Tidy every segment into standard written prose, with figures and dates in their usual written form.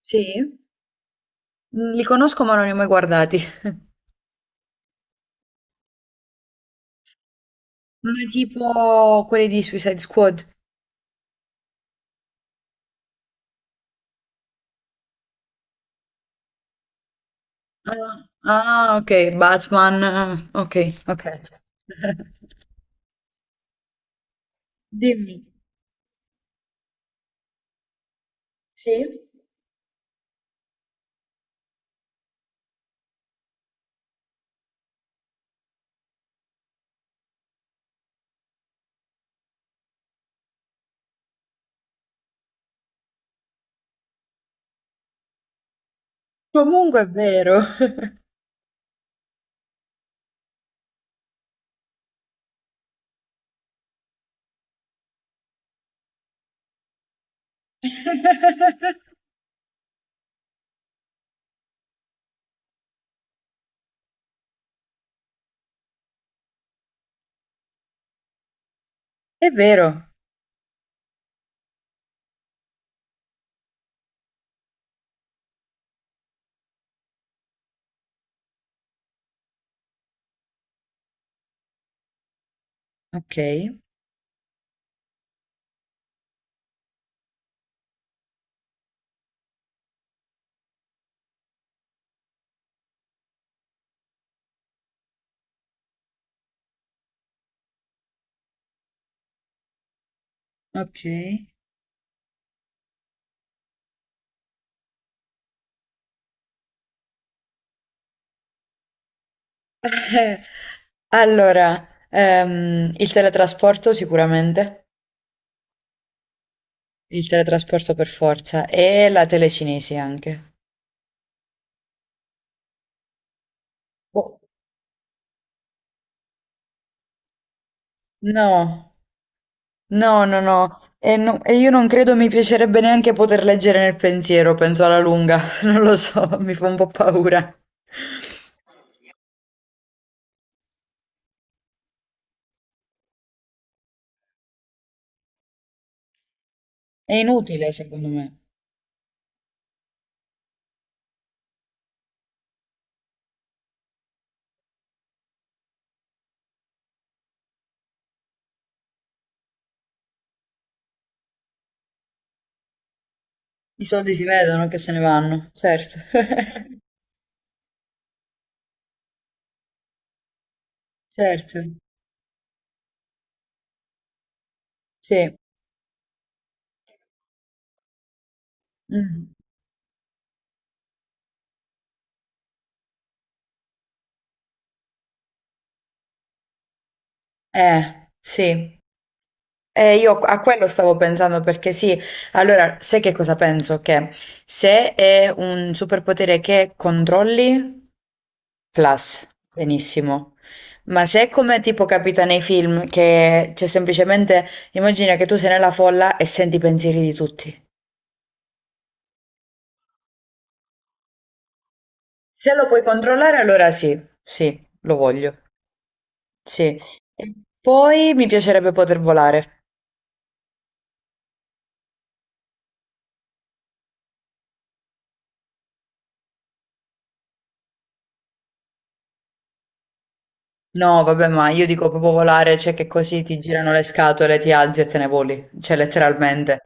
Sì? Mhmm, li conosco ma non li ho mai guardati. Ma tipo quelli di Suicide Squad? Ah. Ah, okay, Batman. Okay, okay. Dimmi. Sì? Comunque è vero. È vero. Okay, okay. Eh, allora, il teletrasporto sicuramente, il teletrasporto per forza e la telecinesi anche. Boh, no. No, no, no, e io non credo mi piacerebbe neanche poter leggere nel pensiero, penso alla lunga, non lo so, mi fa un po' paura. È inutile, secondo me. I soldi si vedono che se ne vanno, certo. Certo, sì. Mm. Sì. Io a quello stavo pensando perché sì, allora sai che cosa penso? Che se è un superpotere che controlli, plus, benissimo. Ma se è come tipo capita nei film, che c'è semplicemente, immagina che tu sei nella folla e senti i pensieri di tutti. Se lo puoi controllare, allora sì, sì, lo voglio. Sì. E poi mi piacerebbe poter volare. No, vabbè, ma io dico proprio volare, cioè che così ti girano le scatole, ti alzi e te ne voli, cioè letteralmente.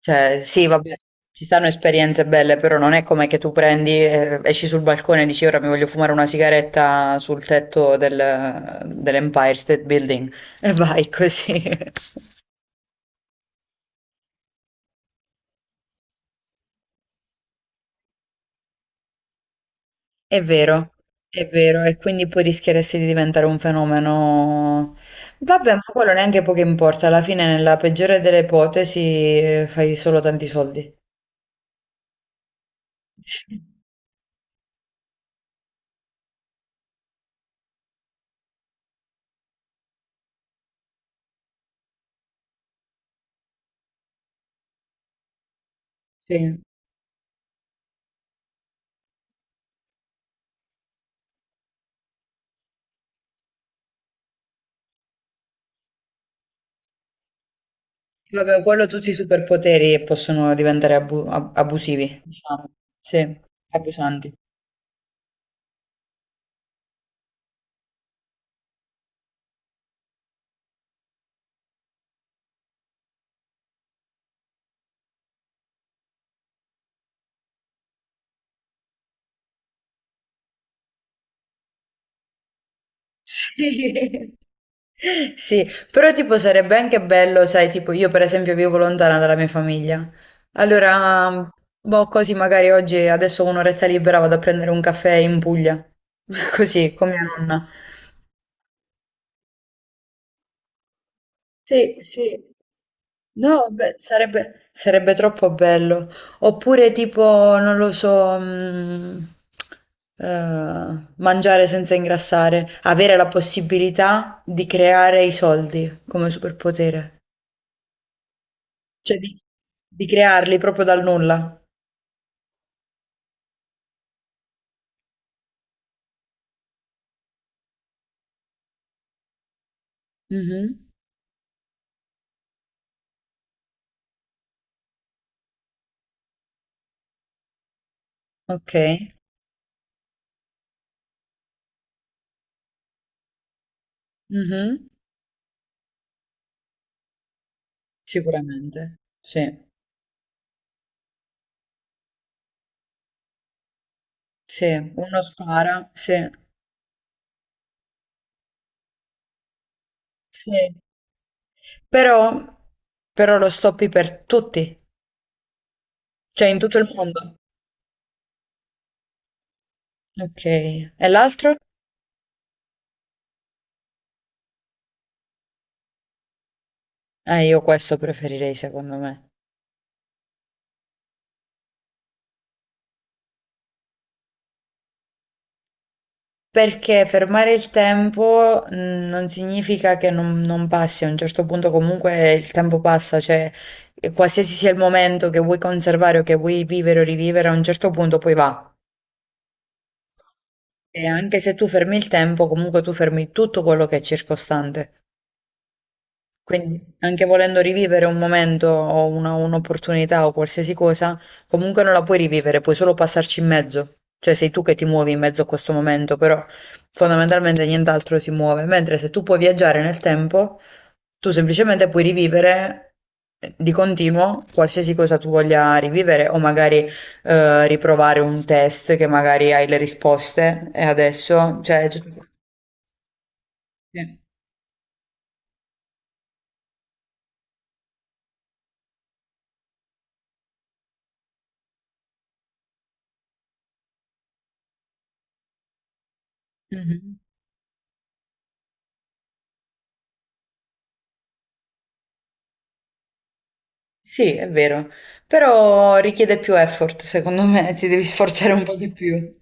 Cioè, sì, vabbè, ci stanno esperienze belle, però non è come che tu prendi, esci sul balcone e dici ora mi voglio fumare una sigaretta sul tetto dell'Empire State Building e vai così. È vero, è vero, e quindi poi rischieresti di diventare un fenomeno. Vabbè, ma quello neanche poco importa, alla fine nella peggiore delle ipotesi fai solo tanti soldi. Sì. Vabbè, quello tutti i superpoteri e possono diventare abusivi, diciamo. Sì, abusanti. Sì. Sì, però tipo sarebbe anche bello, sai, tipo io per esempio vivo lontana dalla mia famiglia. Allora, boh, così magari oggi adesso ho un'oretta libera vado a prendere un caffè in Puglia. Così, con mia nonna. Sì, sì. No, beh, sarebbe troppo bello. Oppure tipo, non lo so, mangiare senza ingrassare, avere la possibilità di creare i soldi come superpotere, cioè di crearli proprio dal nulla. Mhm. Ok. Mhm. Sicuramente, sì, sì, uno spara, sì, sì. Però, però lo stoppi per tutti. Cioè in tutto il mondo. Ok. E l'altro? Io questo preferirei secondo me. Perché fermare il tempo non significa che non passi, a un certo punto comunque il tempo passa, cioè e qualsiasi sia il momento che vuoi conservare o che vuoi vivere o rivivere, a un certo punto poi va. E anche se tu fermi il tempo, comunque tu fermi tutto quello che è circostante. Quindi anche volendo rivivere un momento o un'opportunità o qualsiasi cosa, comunque non la puoi rivivere, puoi solo passarci in mezzo. Cioè sei tu che ti muovi in mezzo a questo momento, però fondamentalmente nient'altro si muove. Mentre se tu puoi viaggiare nel tempo, tu semplicemente puoi rivivere di continuo qualsiasi cosa tu voglia rivivere o magari riprovare un test che magari hai le risposte e adesso, cioè... tutto- Sì. Mhm. Sì, è vero, però richiede più effort, secondo me, ti devi sforzare un po' di più.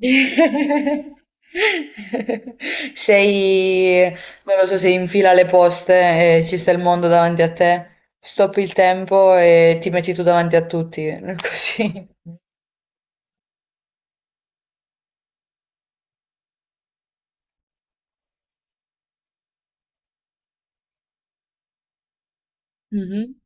Sei, non lo so, sei in fila alle poste e ci sta il mondo davanti a te, stoppi il tempo e ti metti tu davanti a tutti, così. Mhm.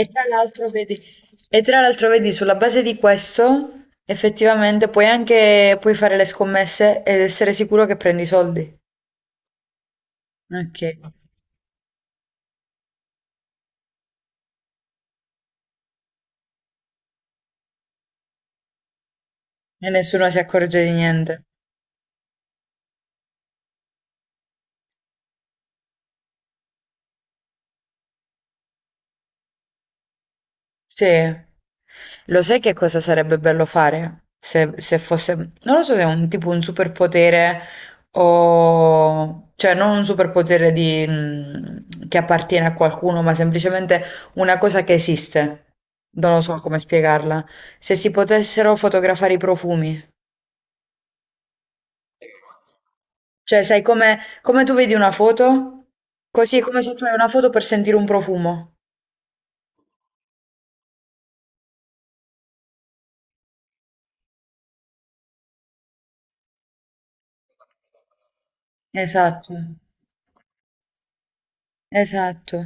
E tra l'altro vedi, e tra l'altro vedi, sulla base di questo, effettivamente puoi anche puoi fare le scommesse ed essere sicuro che prendi soldi. Ok. E nessuno si accorge di niente. Sì. Lo sai che cosa sarebbe bello fare? Se, se fosse... Non lo so se è un tipo un superpotere o... Cioè, non un superpotere di, che appartiene a qualcuno, ma semplicemente una cosa che esiste. Non lo so come spiegarla. Se si potessero fotografare i profumi. Cioè, sai come, come tu vedi una foto? Così è come se tu hai una foto per sentire un profumo. Esatto, esatto.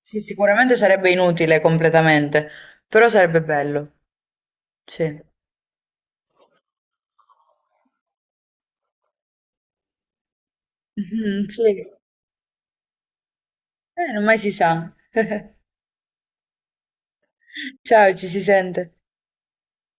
Sì, sicuramente sarebbe inutile completamente, però sarebbe bello. Sì. Mh-mh, sì. Non mai si sa. Ciao, ci si sente.